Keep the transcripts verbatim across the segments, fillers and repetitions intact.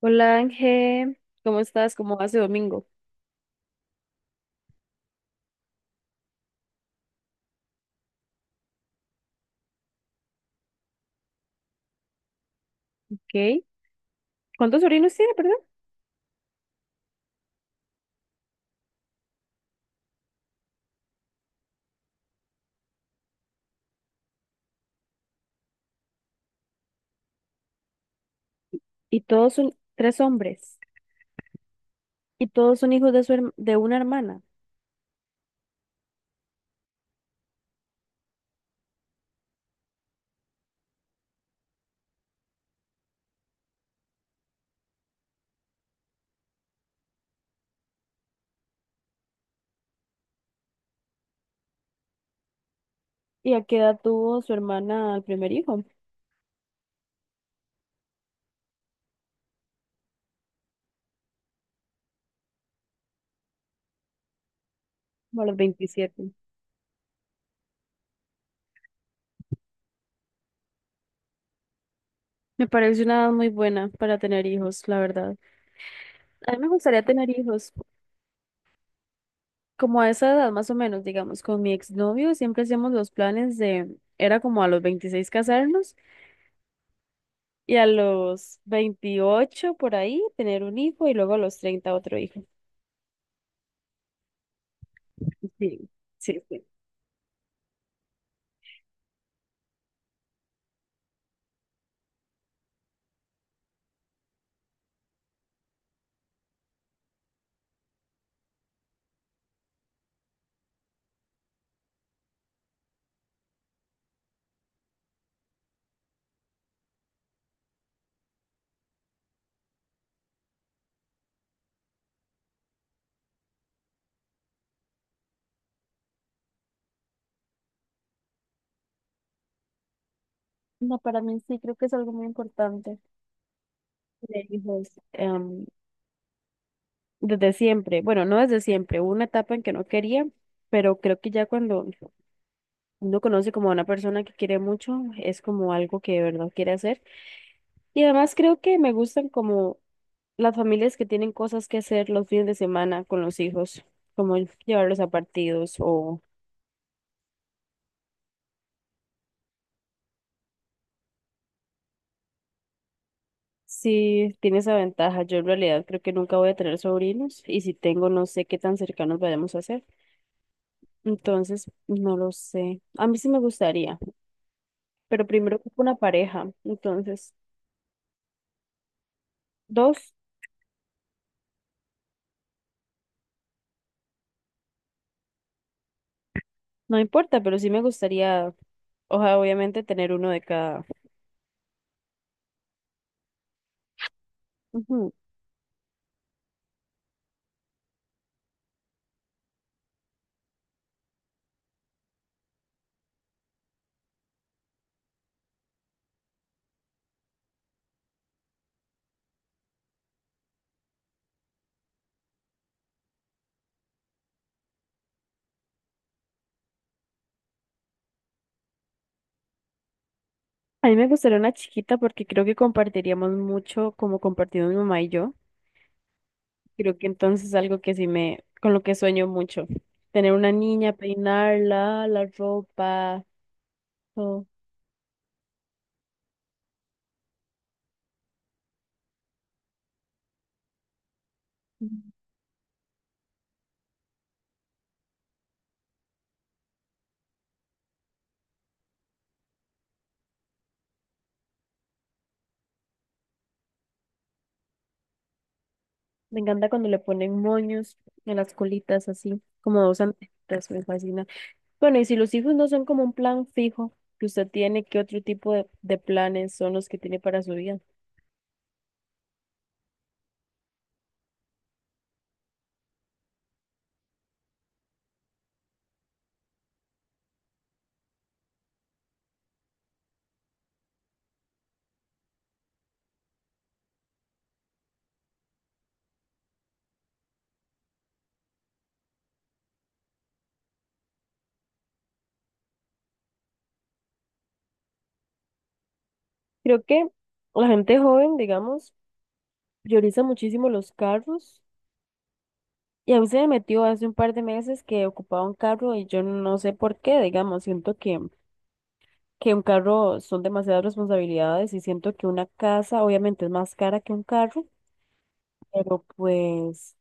Hola Ángel, ¿cómo estás? ¿Cómo vas de domingo? ¿Ok? ¿Cuántos sobrinos tiene, perdón? Y todos son tres hombres. Y todos son hijos de, su herm- de una hermana. ¿Y a qué edad tuvo su hermana al primer hijo? Como a los veintisiete. Me parece una edad muy buena para tener hijos, la verdad. A mí me gustaría tener hijos como a esa edad, más o menos, digamos. Con mi exnovio siempre hacíamos los planes de, era como a los veintiséis casarnos y a los veintiocho por ahí tener un hijo y luego a los treinta otro hijo. Sí, sí, sí. No, para mí sí creo que es algo muy importante. de hijos, em, desde siempre, bueno, no desde siempre, hubo una etapa en que no quería, pero creo que ya cuando uno conoce como a una persona que quiere mucho, es como algo que de verdad quiere hacer. Y además creo que me gustan como las familias que tienen cosas que hacer los fines de semana con los hijos, como el- llevarlos a partidos o si tiene esa ventaja. Yo en realidad creo que nunca voy a tener sobrinos y si tengo, no sé qué tan cercanos vayamos a hacer. Entonces, no lo sé. A mí sí me gustaría, pero primero ocupo una pareja. Entonces, dos, no importa, pero sí me gustaría, ojalá obviamente tener uno de cada. Ujú. A mí me gustaría una chiquita porque creo que compartiríamos mucho como compartimos mi mamá y yo. Creo que entonces es algo que sí me, con lo que sueño mucho. Tener una niña, peinarla, la ropa, todo. Ujú. Me encanta cuando le ponen moños en las colitas así, como dos antenitas, me fascina. Bueno, y si los hijos no son como un plan fijo que usted tiene, ¿qué otro tipo de, de planes son los que tiene para su vida? Creo que la gente joven, digamos, prioriza muchísimo los carros. Y a mí se me metió hace un par de meses que ocupaba un carro y yo no sé por qué, digamos, siento que, que un carro son demasiadas responsabilidades y siento que una casa obviamente es más cara que un carro, pero pues...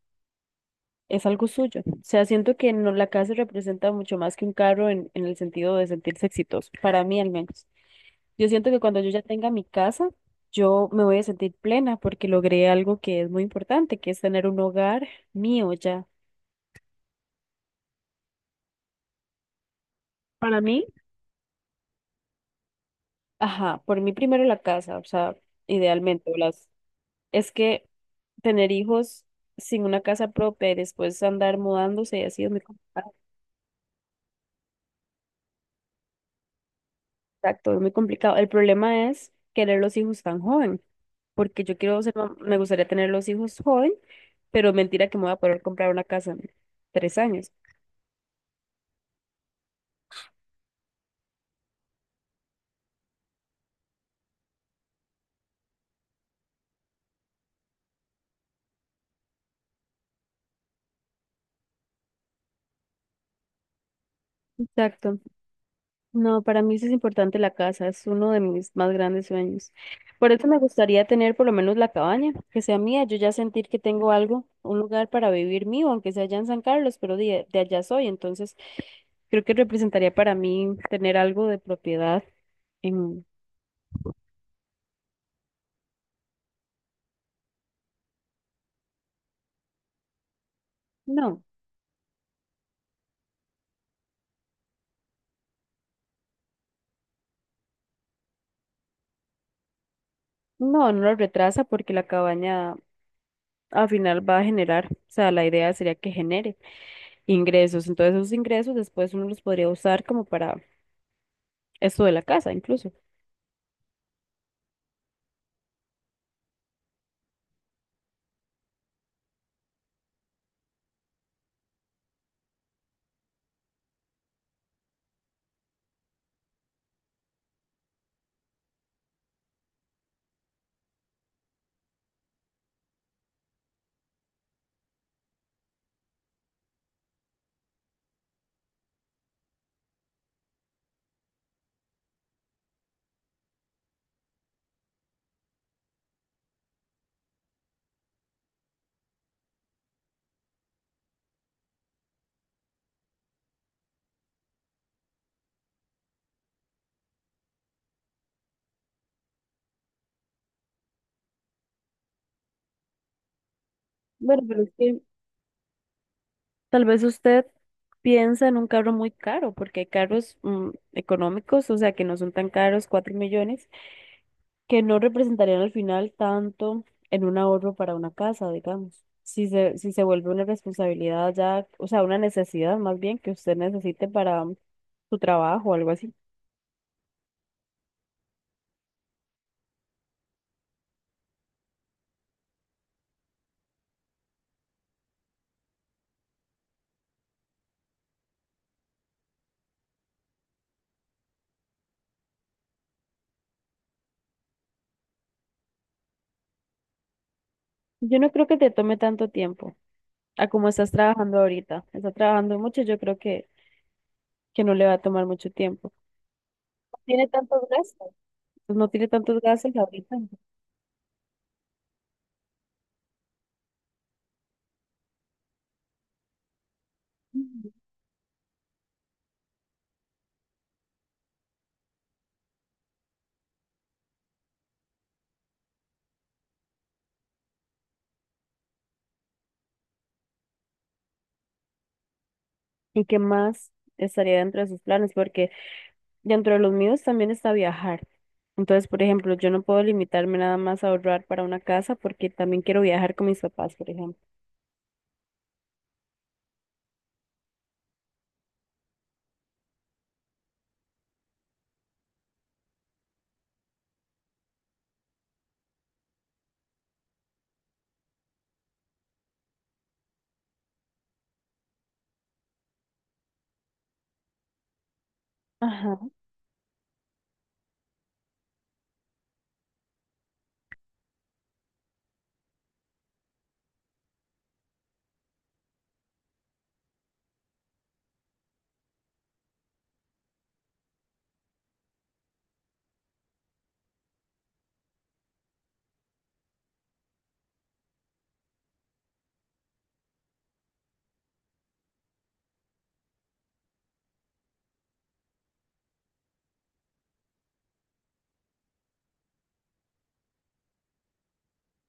es algo suyo. O sea, siento que no, la casa representa mucho más que un carro en, en el sentido de sentirse exitoso, para mí al menos. Yo siento que cuando yo ya tenga mi casa, yo me voy a sentir plena porque logré algo que es muy importante, que es tener un hogar mío ya. Para mí, ajá, por mí primero la casa, o sea, idealmente, o las, es que tener hijos sin una casa propia y después andar mudándose y así es muy complicado. Exacto, es muy complicado. El problema es querer los hijos tan joven, porque yo quiero ser, mam- me gustaría tener los hijos joven, pero mentira que me voy a poder comprar una casa en tres años. Exacto. No, para mí sí es importante la casa, es uno de mis más grandes sueños. Por eso me gustaría tener por lo menos la cabaña, que sea mía, yo ya sentir que tengo algo, un lugar para vivir mío, aunque sea allá en San Carlos, pero de, de allá soy, entonces creo que representaría para mí tener algo de propiedad en... No. No, no lo retrasa porque la cabaña al final va a generar, o sea, la idea sería que genere ingresos. Entonces esos ingresos después uno los podría usar como para esto de la casa incluso. Bueno, pero es que tal vez usted piensa en un carro muy caro porque hay carros mm, económicos, o sea, que no son tan caros, cuatro millones, que no representarían al final tanto en un ahorro para una casa, digamos. Si se, si se vuelve una responsabilidad ya, o sea, una necesidad más bien que usted necesite para su trabajo o algo así. Yo no creo que te tome tanto tiempo a como estás trabajando ahorita. Estás trabajando mucho, yo creo que, que no le va a tomar mucho tiempo. No tiene tantos gastos. Pues no tiene tantos gastos ahorita. Ujú. ¿Y qué más estaría dentro de sus planes? Porque dentro de los míos también está viajar. Entonces, por ejemplo, yo no puedo limitarme nada más a ahorrar para una casa porque también quiero viajar con mis papás, por ejemplo. Ajá,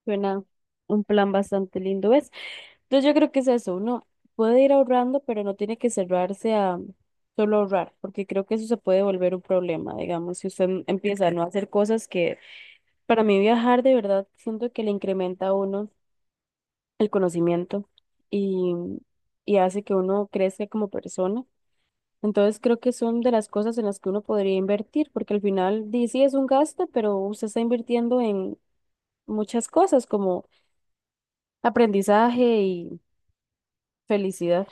suena un plan bastante lindo, ¿ves? Entonces yo creo que es eso, uno puede ir ahorrando, pero no tiene que cerrarse a solo ahorrar, porque creo que eso se puede volver un problema, digamos, si usted empieza a no hacer cosas que para mí viajar de verdad siento que le incrementa a uno el conocimiento y, y hace que uno crezca como persona. Entonces creo que son de las cosas en las que uno podría invertir, porque al final di, sí es un gasto, pero usted está invirtiendo en muchas cosas como aprendizaje y felicidad.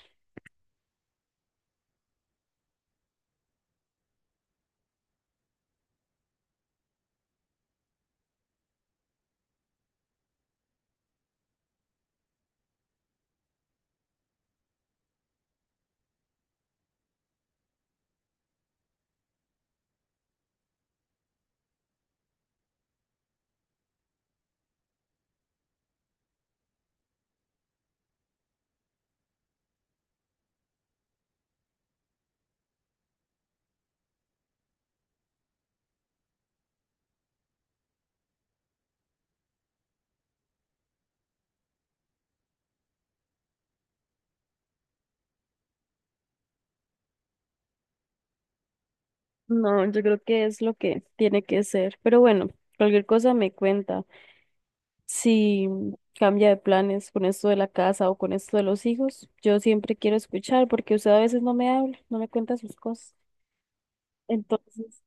No, yo creo que es lo que tiene que ser. Pero bueno, cualquier cosa me cuenta. Si cambia de planes con esto de la casa o con esto de los hijos, yo siempre quiero escuchar porque usted a veces no me habla, no me cuenta sus cosas. Entonces,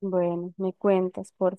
bueno, me cuentas, por